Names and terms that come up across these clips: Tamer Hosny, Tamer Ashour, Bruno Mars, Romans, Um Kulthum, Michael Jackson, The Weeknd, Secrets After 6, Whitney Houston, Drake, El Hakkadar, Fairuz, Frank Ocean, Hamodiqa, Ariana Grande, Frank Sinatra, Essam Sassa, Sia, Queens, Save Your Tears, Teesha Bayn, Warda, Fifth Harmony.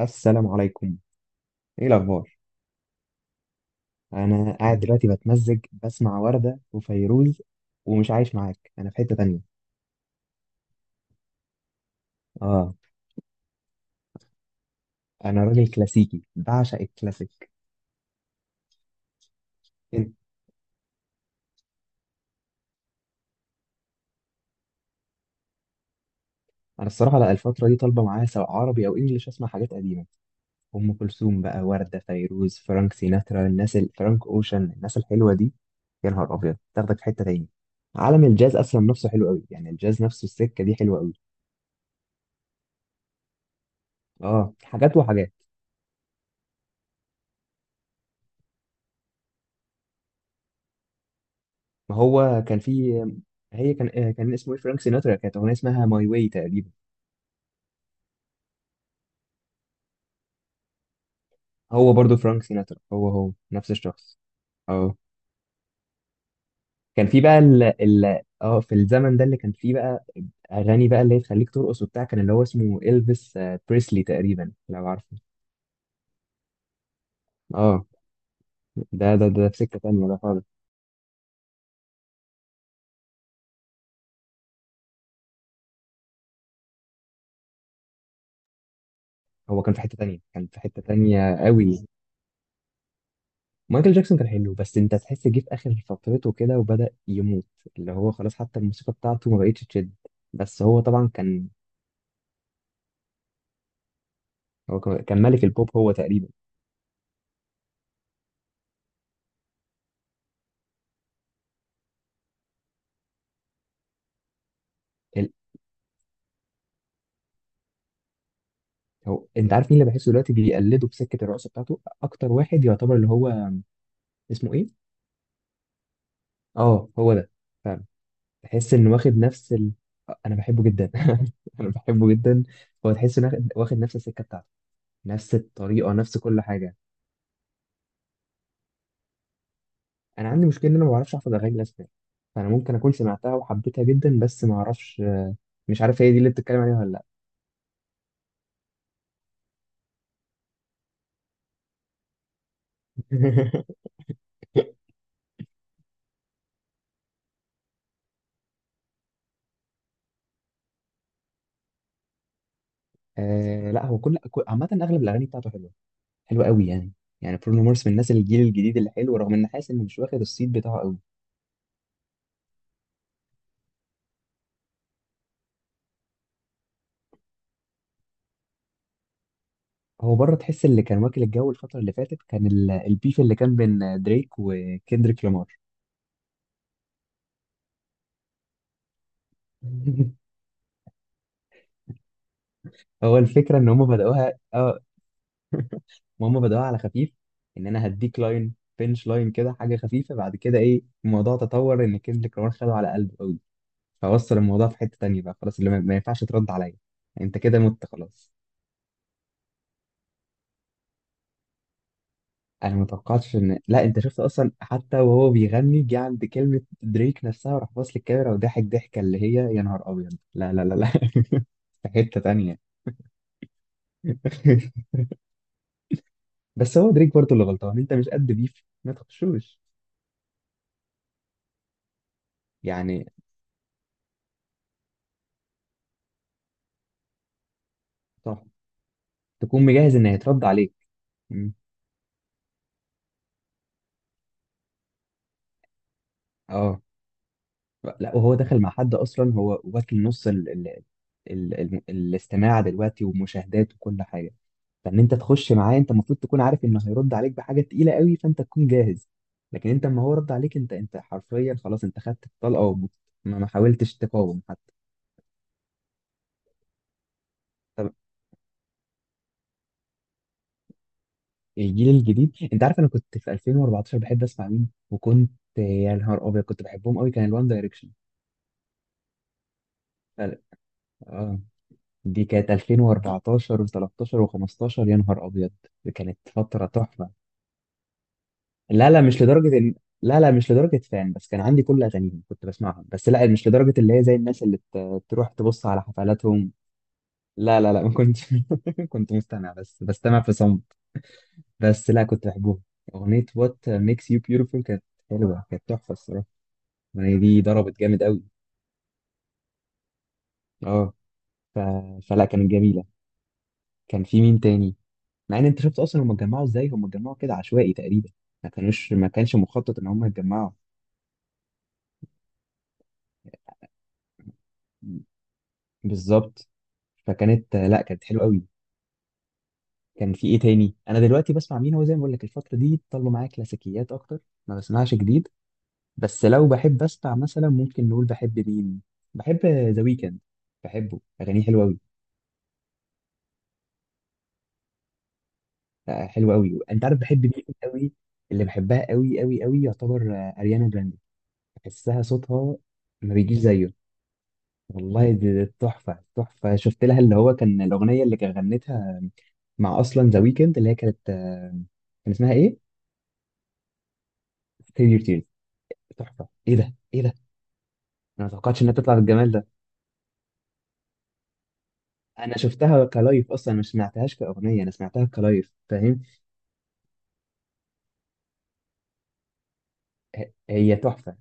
السلام عليكم. ايه الاخبار؟ انا قاعد دلوقتي بتمزج، بسمع وردة وفيروز، ومش عايش معاك، انا في حتة تانية. اه، انا راجل كلاسيكي بعشق الكلاسيك. انت، انا الصراحة لا، الفترة دي طالبة معايا سواء عربي او انجليش اسمع حاجات قديمة. ام كلثوم بقى، وردة، فيروز، فرانك سيناترا، الناس فرانك اوشن، الناس الحلوة دي. يا نهار ابيض تاخدك في حتة تاني. عالم الجاز اصلا نفسه حلو قوي، يعني الجاز نفسه، السكة دي حلوة قوي. اه، حاجات وحاجات. ما هو كان في، هي كان كان اسمه ايه؟ فرانك سيناترا، كانت اغنيه اسمها ماي واي تقريبا. هو برضو فرانك سيناترا، هو نفس الشخص. اه، كان في بقى ال اه في الزمن ده اللي كان في بقى اغاني، بقى اللي هي تخليك ترقص وبتاع، كان اللي هو اسمه الفيس بريسلي تقريبا لو عارفه. اه، ده في سكه تانيه ده خالص. هو كان في حته تانيه، كان في حته تانيه قوي. مايكل جاكسون كان حلو، بس انت تحس جه في اخر فترته كده وبدأ يموت، اللي هو خلاص حتى الموسيقى بتاعته ما بقتش تشد. بس هو طبعا كان، هو كان، ملك البوب هو تقريبا. ال- هو انت عارف مين اللي بحسه دلوقتي بيقلده بسكه الرقصه بتاعته اكتر واحد يعتبر، اللي هو اسمه ايه؟ اه، هو ده فعلا. تحس انه واخد نفس انا بحبه جدا. انا بحبه جدا. هو تحس انه واخد نفس السكه بتاعته، نفس الطريقه، نفس كل حاجه. انا عندي مشكله ان انا ما بعرفش احفظ اغاني الاسباني، فانا ممكن اكون سمعتها وحبيتها جدا بس ما اعرفش، مش عارف هي دي اللي بتتكلم عليها ولا لا. آه لا، هو عامه اغلب الاغاني بتاعته حلوه، حلو قوي يعني. يعني برونو مارس من الناس الجيل الجديد اللي حلو، رغم ان حاسس انه مش واخد الصيت بتاعه قوي. هو بره، تحس اللي كان واكل الجو الفتره اللي فاتت كان البيف اللي كان بين دريك وكندريك لامار. هو الفكره ان هم بدأوها، اه هم بدأوها على خفيف، ان انا هديك لاين بنش لاين كده حاجه خفيفه، بعد كده ايه، الموضوع تطور ان كندريك لامار خده على قلبه قوي، فوصل الموضوع في حته تانيه بقى خلاص، اللي ما ينفعش ترد عليا، انت كده مت خلاص. انا ما توقعتش ان، لا انت شفت اصلا، حتى وهو بيغني جه عند كلمه دريك نفسها وراح باص للكاميرا وضحك ضحكه اللي هي يا نهار ابيض لا لا لا لا. في حته تانية. بس هو دريك برضه اللي غلطان، انت مش قد بيف ما تخشوش. يعني صح، تكون مجهز ان هيترد عليك. مم. اه لا، وهو دخل مع حد اصلا، هو واكل نص الاستماع دلوقتي ومشاهدات وكل حاجه. فان انت تخش معاه انت المفروض تكون عارف انه هيرد عليك بحاجه تقيله قوي، فانت تكون جاهز. لكن انت اما هو رد عليك انت، حرفيا خلاص، انت خدت الطلقه ومت-، ما حاولتش تقاوم حتى. طب الجيل الجديد، انت عارف انا كنت في 2014 بحب اسمع مين؟ وكنت يا نهار ابيض كنت بحبهم قوي، كان الوان دايركشن. اه، دي كانت 2014 و13 و15، يا نهار ابيض دي كانت فتره تحفه. لا لا مش لدرجه ان، لا لا مش لدرجه فان، بس كان عندي كل اغانيهم كنت بسمعهم، بس لا مش لدرجه اللي هي زي الناس اللي تروح تبص على حفلاتهم. لا لا لا ما كنتش. كنت مستمع بس، بستمع في صمت. بس لا كنت بحبهم. اغنيه وات ميكس يو بيوتيفول كانت حلوه، كانت تحفه الصراحه، الاغنيه دي ضربت جامد قوي. اه ف... فلا كانت جميله. كان في مين تاني؟ مع ان انت شفت اصلا هم اتجمعوا ازاي، هم اتجمعوا كده عشوائي تقريبا، ما كانوش، ما كانش مخطط ان هم يتجمعوا. بالظبط، فكانت لا كانت حلوه قوي. كان في ايه تاني؟ انا دلوقتي بسمع مين؟ هو زي ما بقول لك الفتره دي طلعوا معايا كلاسيكيات اكتر، ما بسمعش جديد. بس لو بحب اسمع مثلا، ممكن نقول بحب مين؟ بحب ذا ويكند، بحبه اغانيه حلوه قوي، حلوه قوي. انت عارف بحب مين قوي؟ اللي بحبها قوي قوي قوي يعتبر اريانا جراندي. بحسها صوتها ما بيجيش زيه. والله، دي تحفة تحفة. شفت لها اللي هو كان الأغنية اللي كان غنتها مع أصلا ذا ويكند، اللي هي كانت كان اسمها إيه؟ Save Your Tears، تحفة. إيه ده؟ إيه ده؟ أنا ما توقعتش إنها تطلع بالجمال ده. أنا شفتها كلايف أصلا، ما سمعتهاش كأغنية، أنا سمعتها كلايف، فاهم؟ هي تحفة.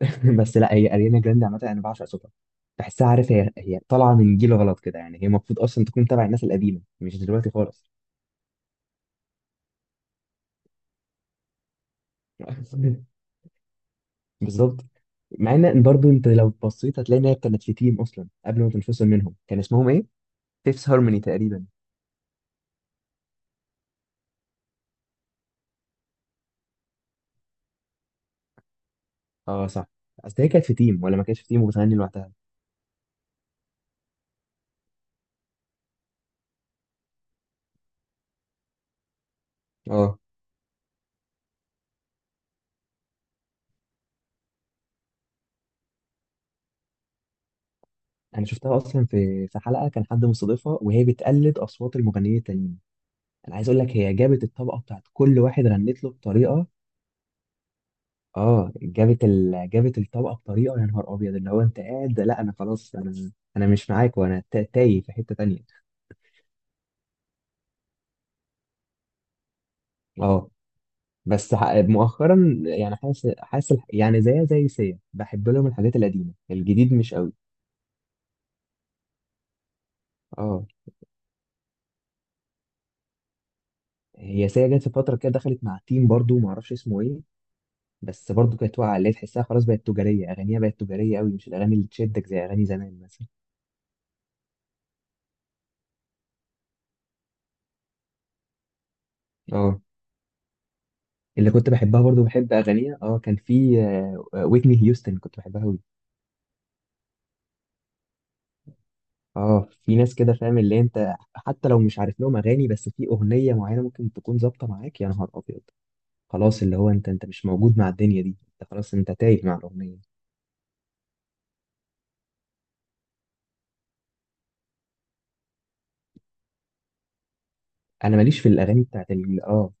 بس لا، هي أريانا جراندي عامة أنا بعشق صوتها، بحسها عارف هي، هي طالعة من جيل غلط كده، يعني هي المفروض أصلا تكون تبع الناس القديمة، مش دلوقتي خالص. بالظبط. مع ان برضه انت لو بصيت هتلاقي ان هي كانت في تيم اصلا قبل ما تنفصل منهم، كان اسمهم ايه؟ فيفث هارموني تقريبا. اه صح، اصل هي كانت في تيم ولا ما كانتش في تيم وبتغني لوحدها. اه، انا شفتها اصلا في في حلقه كان حد مستضيفها وهي بتقلد اصوات المغنيين التانيين. انا عايز اقول لك هي جابت الطبقه بتاعت كل واحد غنت له بطريقه. اه، جابت جابت الطبقه بطريقه يا نهار ابيض، اللي هو انت قاعد لا انا خلاص انا، انا مش معاك وانا تايه في حته تانيه. اه بس مؤخرا يعني، حاسس يعني زيها زي سيا، بحب لهم الحاجات القديمه، الجديد مش قوي. اه، هي سيا جت في فتره كده، دخلت مع تيم برضو ما اعرفش اسمه ايه، بس برضو كانت واقعه، اللي هي تحسها خلاص بقت تجاريه، اغانيها بقت تجاريه قوي، مش الاغاني اللي تشدك زي اغاني زمان مثلا. اه اللي كنت بحبها برضو بحب اغانيها، اه كان في ويتني هيوستن كنت بحبها قوي. اه في ناس كده فاهم، اللي انت حتى لو مش عارف لهم اغاني بس في اغنيه معينه ممكن تكون ظابطه معاك يا نهار ابيض، خلاص اللي هو انت، مش موجود مع الدنيا دي، انت خلاص انت تايه مع الاغنيه. انا ماليش في الاغاني بتاعت اه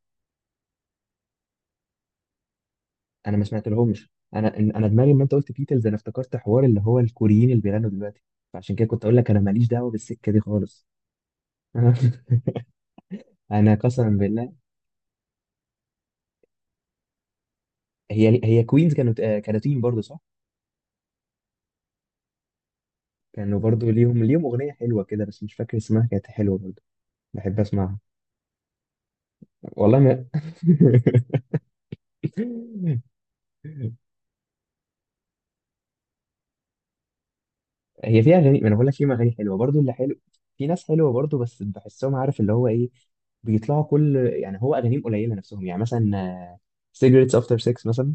انا ما سمعت لهمش. انا، انا دماغي لما انت قلت بيتلز انا افتكرت حوار اللي هو الكوريين اللي بيغنوا دلوقتي، فعشان كده كنت اقول لك انا ماليش دعوه بالسكه دي خالص. انا، انا قسما بالله. هي، هي كوينز كانوا، كانوا تيم برضه صح؟ كانوا برضه ليهم، اغنيه حلوه كده بس مش فاكر اسمها، كانت حلوه برضه، بحب اسمعها. والله ما. هي فيها اغاني، ما انا بقول لك في اغاني حلوه برضو اللي حلو، في ناس حلوه برضو بس بحسهم عارف اللي هو ايه، بيطلعوا كل يعني هو اغانيهم قليله نفسهم، يعني مثلا سيجرتس افتر 6 مثلا،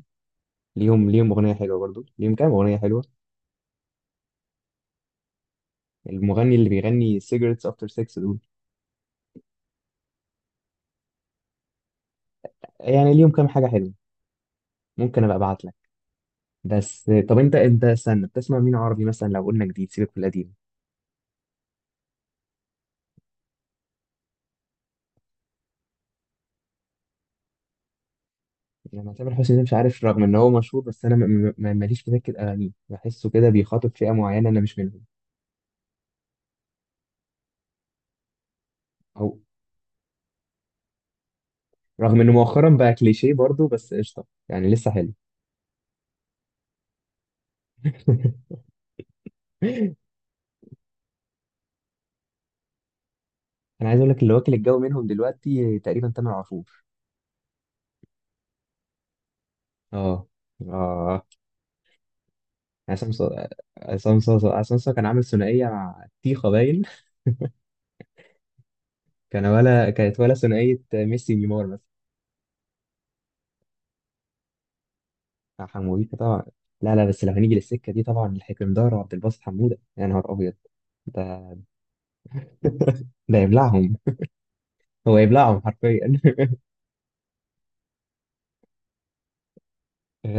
ليهم، اغنيه حلوه برضو، ليهم كام اغنيه حلوه. المغني اللي بيغني سيجرتس افتر 6 دول، يعني ليهم كام حاجه حلوه، ممكن ابقى ابعت لك. بس طب انت، استنى، بتسمع مين عربي مثلا لو قلنا جديد، سيبك من القديم؟ يعني تامر حسني ده مش عارف، رغم ان هو مشهور بس انا ماليش في سكه اغانيه، بحسه كده بيخاطب فئه معينه انا مش منهم. او، رغم انه مؤخرا بقى كليشيه برضه بس قشطه يعني لسه حلو. انا عايز اقول لك اللي واكل الجو منهم دلوقتي تقريبا تامر عاشور. اه. اه. عصام صا- عصام صاصا، عصام صاصا كان عامل ثنائيه مع تيخا باين. كان ولا كانت ولا ثنائيه ميسي نيمار مثلا. مع حموديكا طبعا. لا لا، بس لو هنيجي للسكه دي طبعا الحكندار وعبد الباسط حموده يا نهار ابيض، ده ده يبلعهم، هو يبلعهم حرفيا.